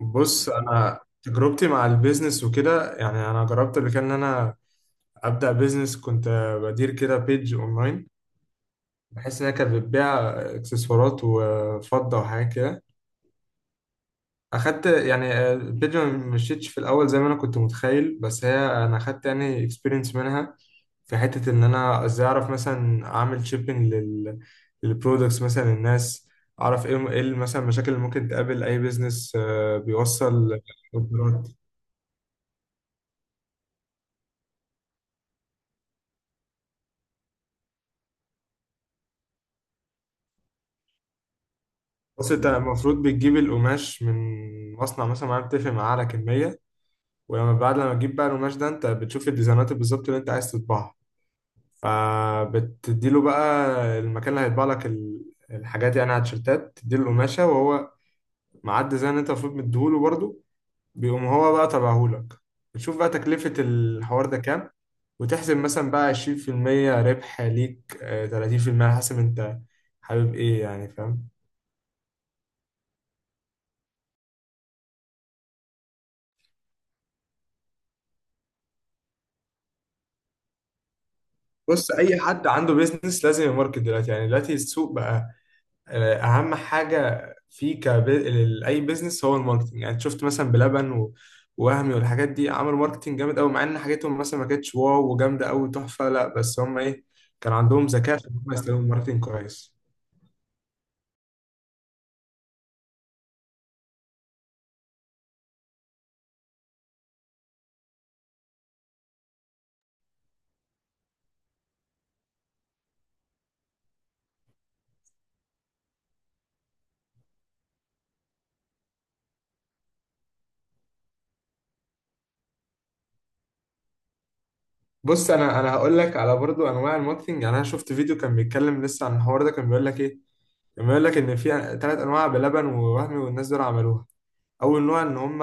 بص، انا تجربتي مع البيزنس وكده يعني انا جربت قبل كده ان انا ابدا بيزنس. كنت بدير كده بيج اونلاين، بحيث انها كانت بتبيع اكسسوارات وفضه وحاجات كده. اخدت يعني البيج، ما مشيتش في الاول زي ما انا كنت متخيل، بس هي انا اخدت يعني اكسبيرينس منها في حته ان انا ازاي اعرف مثلا اعمل شيبنج للبرودكتس مثلا للناس، اعرف ايه مثلا المشاكل اللي ممكن تقابل اي بيزنس بيوصل اوردرات. بص، انت المفروض بتجيب القماش من مصنع مثلا معين، بتتفق معاه على كمية. ولما بعد لما تجيب بقى القماش ده، انت بتشوف الديزاينات بالظبط اللي انت عايز تطبعها. فبتديله بقى المكان اللي هيطبع لك الحاجات، يعني على التيشيرتات تديله القماشة، وهو مع الديزاين اللي انت المفروض مديهوله برضه بيقوم هو بقى طبعهولك. بتشوف بقى تكلفة الحوار ده كام، وتحسب مثلا بقى 20% ربح ليك، 30% على حسب انت حابب ايه، يعني فاهم؟ بص، اي حد عنده بيزنس لازم يماركت دلوقتي. يعني دلوقتي السوق بقى، اهم حاجه في اي بيزنس هو الماركتنج. يعني شفت مثلا بلبن ووهمي والحاجات دي، عملوا ماركتنج جامد قوي، مع ان حاجتهم مثلا ما كانتش واو وجامده قوي تحفه، لا، بس هم ايه، كان عندهم ذكاء في ان هم يستخدموا الماركتنج كويس. بص، انا هقول لك على برضو انواع الماركتنج. يعني انا شفت فيديو كان بيتكلم لسه عن الحوار ده، كان بيقول لك ايه، كان بيقول لك ان في ثلاث انواع. بلبن ووهمي والناس دول عملوها. اول نوع ان هم،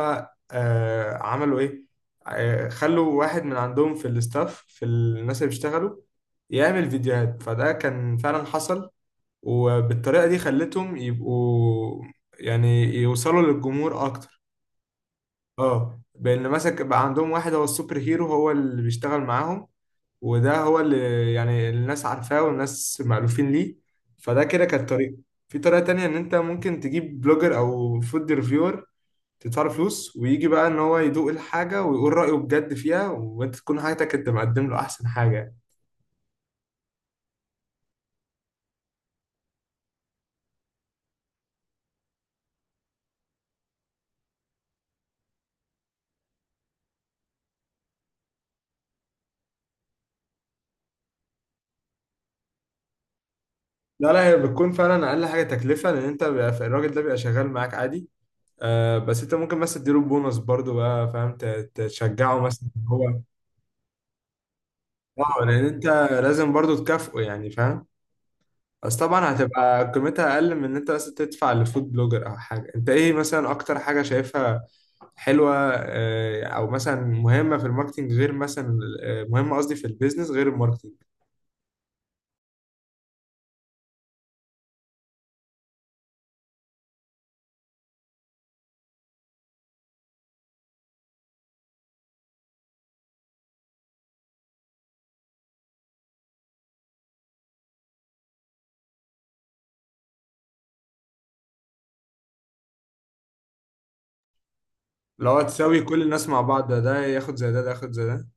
عملوا ايه، خلوا واحد من عندهم في الاستاف، في الناس اللي بيشتغلوا، يعمل فيديوهات. فده كان فعلا حصل، وبالطريقة دي خلتهم يبقوا يعني يوصلوا للجمهور اكتر. اه، بان مثلا بقى عندهم واحد هو السوبر هيرو، هو اللي بيشتغل معاهم، وده هو اللي يعني الناس عارفاه والناس مألوفين ليه. فده كده كانت طريقة. في طريقة تانية، إن أنت ممكن تجيب بلوجر أو فود ريفيور، تدفع له فلوس، ويجي بقى ان هو يدوق الحاجه ويقول رايه بجد فيها، وانت تكون حاجتك انت مقدم له احسن حاجه. لا لا، هي بتكون فعلا اقل حاجه تكلفه، لان انت بيبقى الراجل ده بيبقى شغال معاك عادي. آه، بس انت ممكن مثلا تديله بونص برضه بقى، فاهم؟ تشجعه مثلا إن هو، اه، لان انت لازم برضه تكافئه، يعني فاهم؟ بس طبعا هتبقى قيمتها اقل من ان انت بس تدفع لفود بلوجر او حاجه. انت ايه مثلا اكتر حاجه شايفها حلوه، او مثلا مهمه في الماركتنج، غير مثلا، مهمه قصدي في البيزنس غير الماركتنج؟ لو هتساوي كل الناس مع بعض، ده ده ياخد زي ده، ده ياخد زي ده.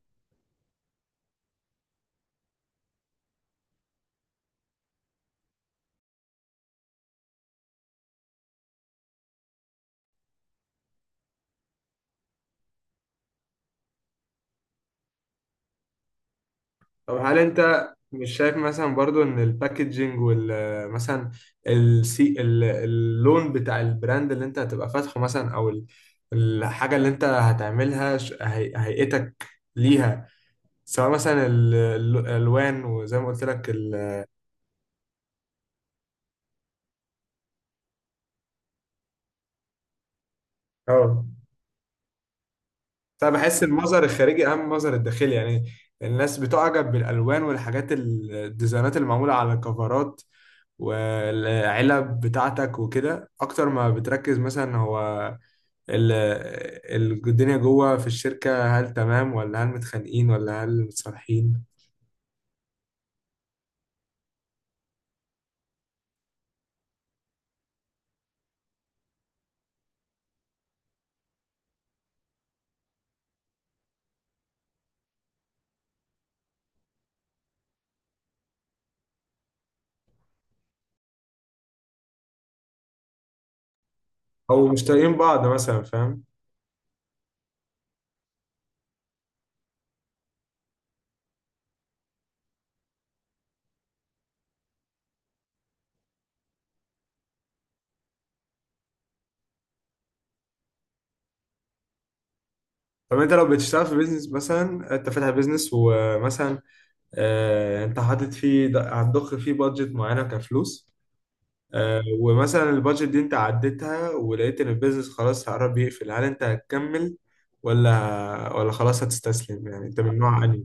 طب هل انت مش شايف مثلا برضو ان الباكجينج وال، مثلا السي، اللون بتاع البراند اللي انت هتبقى فاتحه مثلا، او الحاجه اللي انت هتعملها، هيئتك ليها، سواء مثلا الالوان وزي ما قلت لك اه، بس انا بحس المظهر الخارجي اهم من المظهر الداخلي. يعني الناس بتعجب بالالوان والحاجات، الديزاينات اللي معموله على الكفرات والعلب بتاعتك وكده، اكتر ما بتركز مثلا هو الدنيا جوه في الشركه. هل تمام، ولا هل متخانقين، ولا هل متصالحين، او مش طايقين بعض مثلا، فاهم؟ طب انت لو بتشتغل في بيزنس مثلا، انت فاتح بيزنس، ومثلا انت حاطط فيه، هتضخ فيه بادجت معينه كفلوس. ومثلا البادجت دي انت عديتها، ولقيت ان البيزنس خلاص قرب يقفل، هل انت هتكمل ولا خلاص هتستسلم؟ يعني انت من نوع انهي؟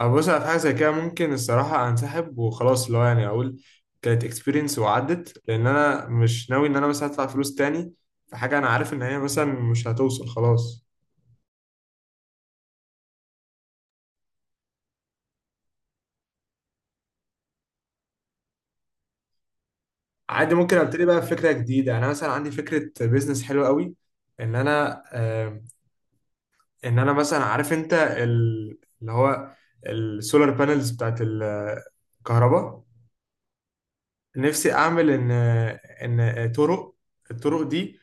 أنا بص، أنا في حاجه زي كده ممكن الصراحه انسحب وخلاص، اللي هو يعني اقول كانت اكسبيرينس وعدت. لان انا مش ناوي ان انا مثلا ادفع فلوس تاني في حاجه انا عارف ان هي مثلا مش هتوصل خلاص. عادي، ممكن ابتدي بقى بفكره جديده. يعني انا مثلا عندي فكره بيزنس حلوه قوي، ان انا ان انا مثلا عارف انت اللي هو السولار بانلز بتاعت الكهرباء. نفسي اعمل ان الطرق دي،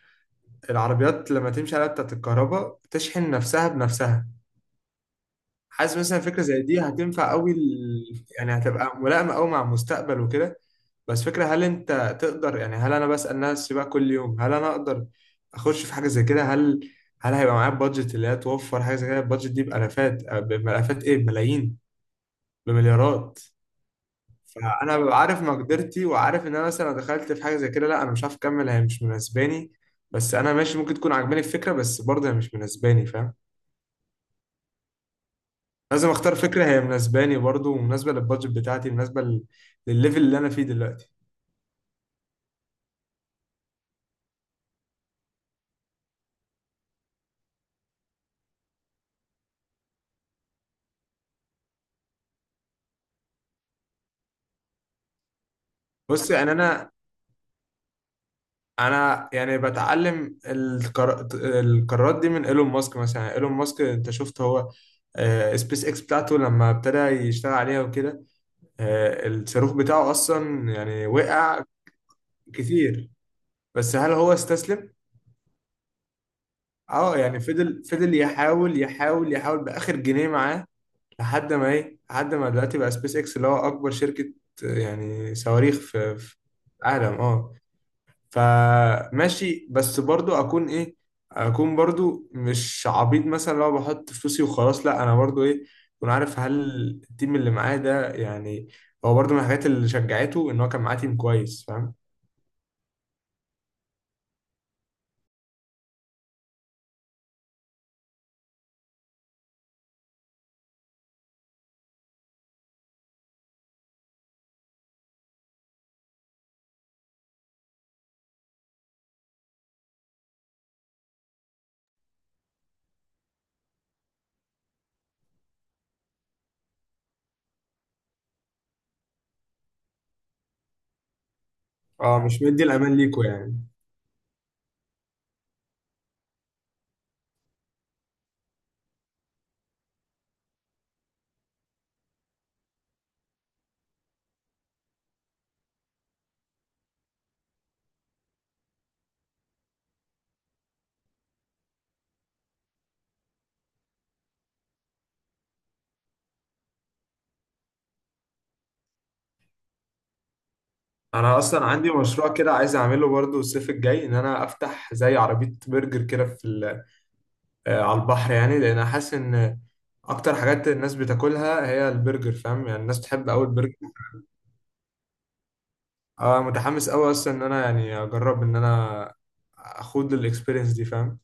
العربيات لما تمشي عليها بتاعت الكهرباء بتشحن نفسها بنفسها. حاسس مثلا فكره زي دي هتنفع قوي، يعني هتبقى ملائمه قوي مع المستقبل وكده. بس فكره، هل انت تقدر يعني؟ هل انا بسال نفسي بقى كل يوم هل انا اقدر اخش في حاجه زي كده. هل هيبقى معايا بادجت اللي هي توفر حاجه زي كده؟ البادجت دي بالافات بالافات، ايه، بملايين، بمليارات. فانا ببقى عارف مقدرتي، وعارف ان انا مثلا لو دخلت في حاجه زي كده، لا، انا مش عارف اكمل، هي مش مناسباني. بس انا ماشي، ممكن تكون عاجباني الفكره، بس برضه هي مش مناسباني، فاهم؟ لازم اختار فكره هي مناسباني برضو، ومناسبه للبادجت بتاعتي، مناسبه للليفل اللي انا فيه دلوقتي. بص، يعني انا يعني بتعلم القرارات دي من ايلون ماسك. مثلا ايلون ماسك انت شفت هو، سبيس اكس بتاعته لما ابتدى يشتغل عليها وكده، الصاروخ بتاعه اصلا يعني وقع كتير. بس هل هو استسلم؟ اه، يعني فضل يحاول يحاول يحاول باخر جنيه معاه، لحد ما دلوقتي بقى سبيس اكس اللي هو اكبر شركة يعني صواريخ في العالم. اه. فماشي، بس برضو اكون برضو مش عبيط مثلا لو بحط فلوسي وخلاص، لا، انا برضو اكون عارف هل التيم اللي معايا ده يعني، هو برضو من الحاجات اللي شجعته ان هو كان معاه تيم كويس، فاهم؟ اه، مش مدي الامان ليكوا، يعني. انا اصلا عندي مشروع كده عايز اعمله برضو الصيف الجاي، ان انا افتح زي عربية برجر كده في، على البحر. يعني لان أنا حاسس ان اكتر حاجات الناس بتاكلها هي البرجر، فاهم؟ يعني الناس بتحب قوي البرجر. اه، متحمس قوي اصلا ان انا يعني اجرب ان انا اخوض الاكسبيرينس دي، فاهم؟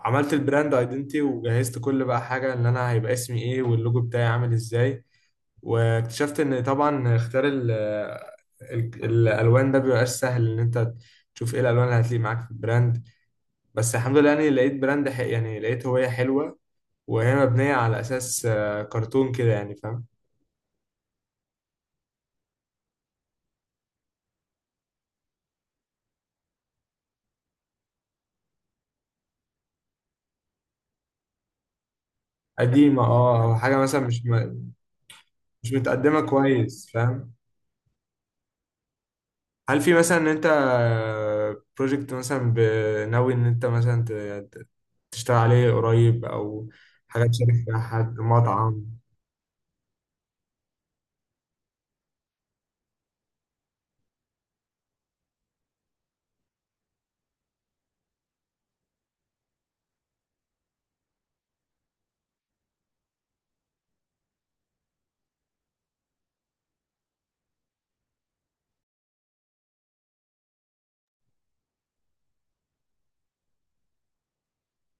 عملت البراند ايدنتي، وجهزت كل بقى حاجه. ان انا هيبقى اسمي ايه، واللوجو بتاعي عامل ازاي. واكتشفت ان طبعا اختيار الالوان ده بيبقاش سهل، ان انت تشوف ايه الالوان اللي هتليق معاك في البراند. بس الحمد لله، يعني لقيت براند يعني لقيت هويه حلوه، وهي مبنية على أساس، كرتون كده، يعني فاهم؟ قديمة اه، أو حاجة مثلا مش متقدمة كويس، فاهم؟ هل في مثلا إن أنت بروجكت مثلا ناوي إن أنت مثلا ت- تشتغل عليه قريب، أو حاجة تشارك فيها حد مطعم؟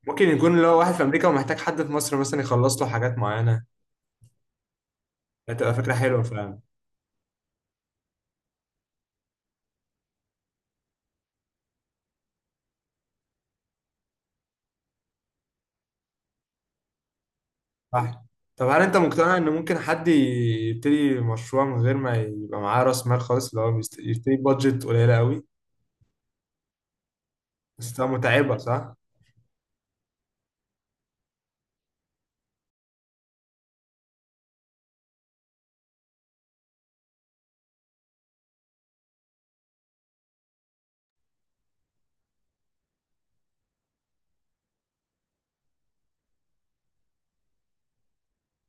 ممكن يكون اللي هو واحد في أمريكا ومحتاج حد في مصر مثلا يخلص له حاجات معينة. هتبقى فكرة حلوة فعلا. صح. طب هل أنت مقتنع إن ممكن حد يبتدي مشروع من غير ما يبقى معاه رأس مال خالص، اللي هو يبتدي بادجت قليلة أوي؟ بس طبعاً متعبة، صح؟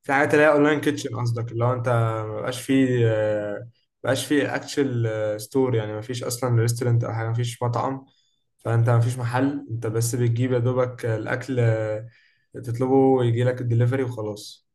في حاجات اللي هي اونلاين كيتشن، قصدك اللي هو انت مبقاش فيه آه، مبقاش فيه اكشن ستور، يعني مفيش اصلا ريستورنت او حاجة، مفيش مطعم، فانت مفيش محل، انت بس بتجيب يا دوبك الاكل، تطلبه ويجي لك الدليفري وخلاص.